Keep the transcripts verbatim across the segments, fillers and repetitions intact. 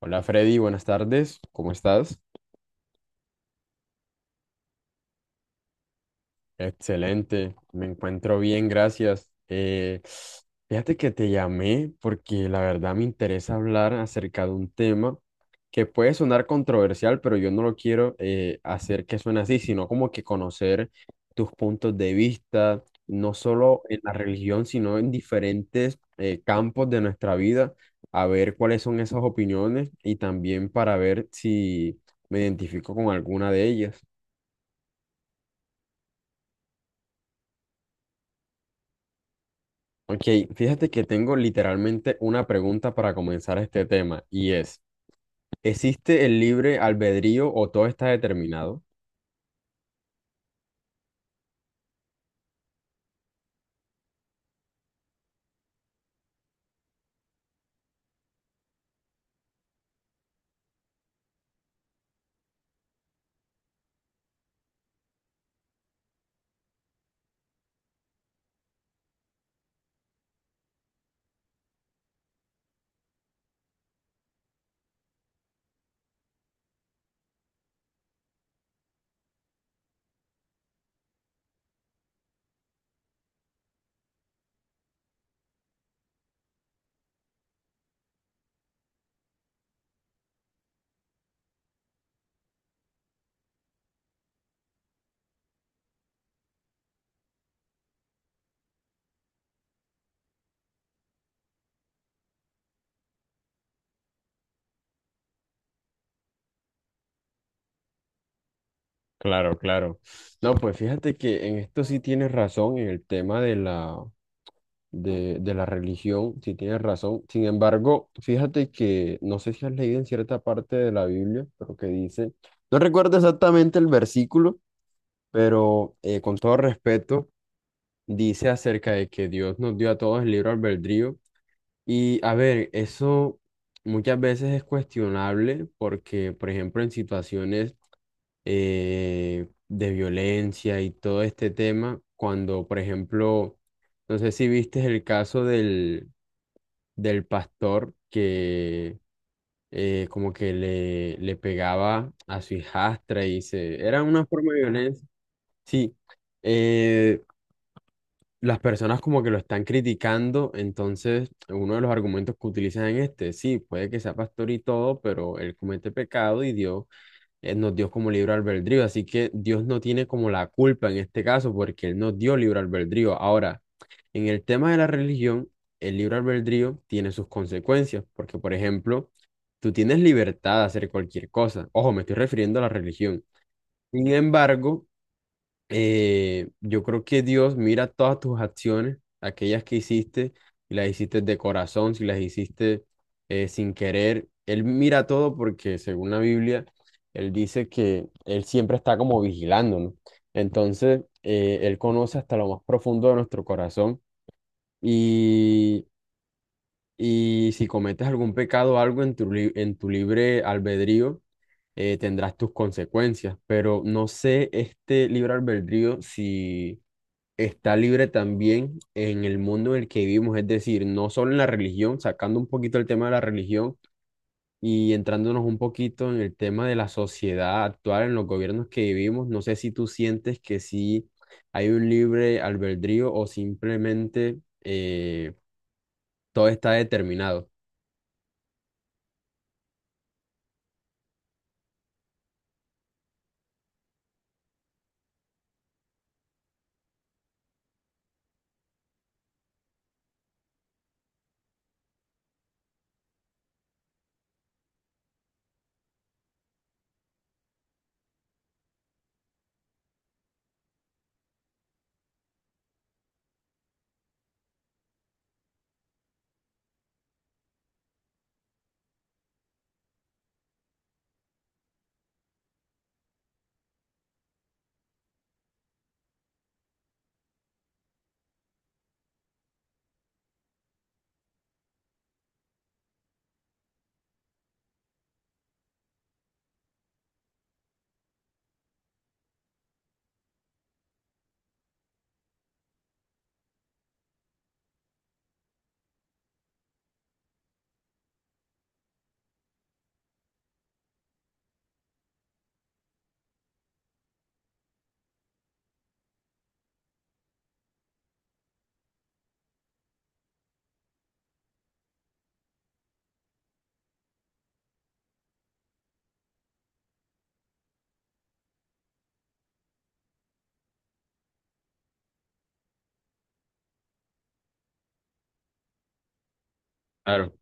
Hola Freddy, buenas tardes, ¿cómo estás? Excelente, me encuentro bien, gracias. Eh, fíjate que te llamé porque la verdad me interesa hablar acerca de un tema que puede sonar controversial, pero yo no lo quiero eh, hacer que suene así, sino como que conocer tus puntos de vista, no solo en la religión, sino en diferentes eh, campos de nuestra vida, a ver cuáles son esas opiniones y también para ver si me identifico con alguna de ellas. Ok, fíjate que tengo literalmente una pregunta para comenzar este tema y es, ¿existe el libre albedrío o todo está determinado? Claro, claro. No, pues fíjate que en esto sí tienes razón, en el tema de la, de, de la religión, sí tienes razón. Sin embargo, fíjate que no sé si has leído en cierta parte de la Biblia, pero que dice, no recuerdo exactamente el versículo, pero eh, con todo respeto, dice acerca de que Dios nos dio a todos el libre albedrío. Y a ver, eso muchas veces es cuestionable porque, por ejemplo, en situaciones eh, de violencia y todo este tema, cuando, por ejemplo, no sé si viste el caso del, del pastor que eh, como que le, le pegaba a su hijastra y se... Era una forma de violencia. Sí, eh, las personas como que lo están criticando, entonces uno de los argumentos que utilizan en este, sí, puede que sea pastor y todo, pero él comete pecado y Dios eh, nos dio como libre albedrío, así que Dios no tiene como la culpa en este caso porque él nos dio libre albedrío. Ahora, en el tema de la religión, el libre albedrío tiene sus consecuencias, porque por ejemplo, tú tienes libertad de hacer cualquier cosa. Ojo, me estoy refiriendo a la religión. Sin embargo, eh, yo creo que Dios mira todas tus acciones, aquellas que hiciste, y las hiciste de corazón, si las hiciste eh, sin querer. Él mira todo porque según la Biblia, Él dice que Él siempre está como vigilándonos. Entonces, eh, Él conoce hasta lo más profundo de nuestro corazón y, y si cometes algún pecado o algo en tu, li- en tu libre albedrío, eh, tendrás tus consecuencias, pero no sé este libre albedrío si está libre también en el mundo en el que vivimos, es decir, no solo en la religión, sacando un poquito el tema de la religión y entrándonos un poquito en el tema de la sociedad actual, en los gobiernos que vivimos, no sé si tú sientes que sí hay un libre albedrío o simplemente eh, todo está determinado. Claro.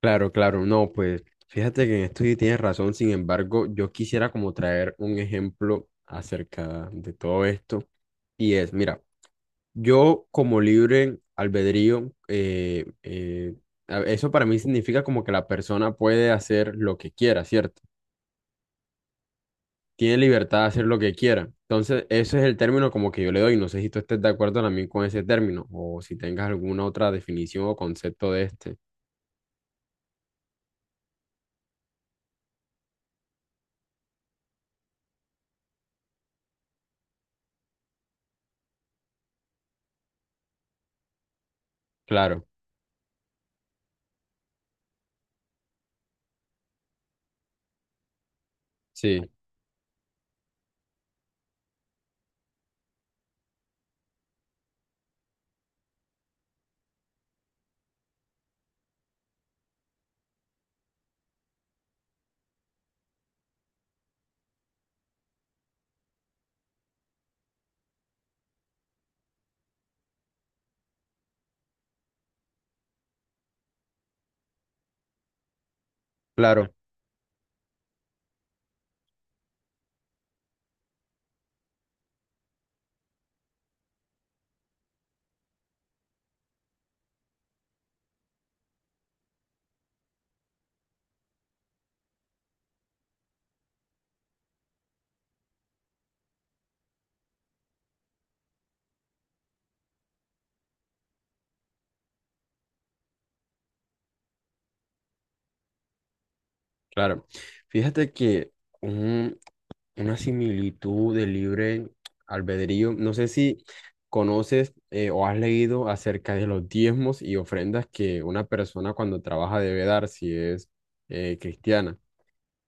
Claro, claro, no, pues fíjate que en esto sí tienes razón, sin embargo, yo quisiera como traer un ejemplo acerca de todo esto y es, mira, yo como libre albedrío, eh, eh, a- eso para mí significa como que la persona puede hacer lo que quiera, ¿cierto? Tiene libertad de hacer lo que quiera. Entonces, ese es el término como que yo le doy. No sé si tú estés de acuerdo también con ese término o si tengas alguna otra definición o concepto de este. Claro, sí, claro, claro. Fíjate que una similitud de libre albedrío. No sé si conoces eh, o has leído acerca de los diezmos y ofrendas que una persona cuando trabaja debe dar si es eh, cristiana.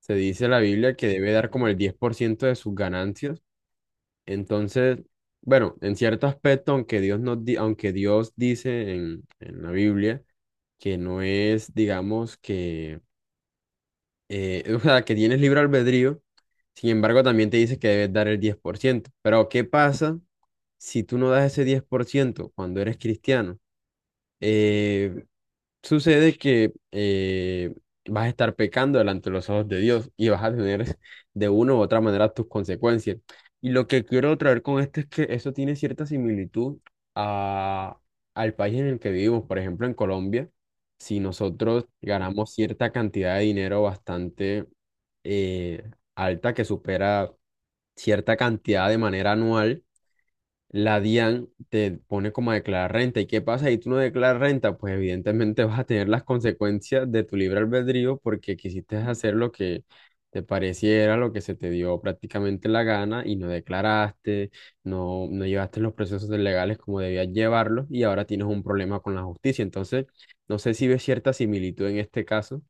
Se dice en la Biblia que debe dar como el diez por ciento de sus ganancias. Entonces, bueno, en cierto aspecto, aunque Dios, nos di- aunque Dios dice en, en la Biblia que no es, digamos, que eh, o sea, que tienes libre albedrío, sin embargo, también te dice que debes dar el diez por ciento. Pero, ¿qué pasa si tú no das ese diez por ciento cuando eres cristiano? Eh, Sucede que eh, vas a estar pecando delante de los ojos de Dios y vas a tener de una u otra manera tus consecuencias. Y lo que quiero traer con esto es que eso tiene cierta similitud a, al país en el que vivimos. Por ejemplo, en Colombia, si nosotros ganamos cierta cantidad de dinero bastante eh, alta que supera cierta cantidad de manera anual, la DIAN te pone como a declarar renta. ¿Y qué pasa si tú no declaras renta? Pues evidentemente vas a tener las consecuencias de tu libre albedrío porque quisiste hacer lo que te pareciera, lo que se te dio prácticamente la gana y no declaraste, no, no llevaste los procesos legales como debías llevarlos y ahora tienes un problema con la justicia. Entonces, no sé si ves cierta similitud en este caso.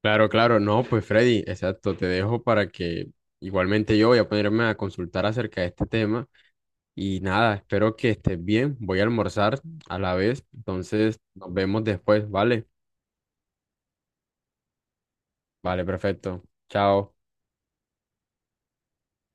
Claro, claro, no, pues Freddy, exacto, te dejo para que igualmente yo voy a ponerme a consultar acerca de este tema. Y nada, espero que estés bien. Voy a almorzar a la vez. Entonces, nos vemos después, ¿vale? Vale, perfecto. Chao.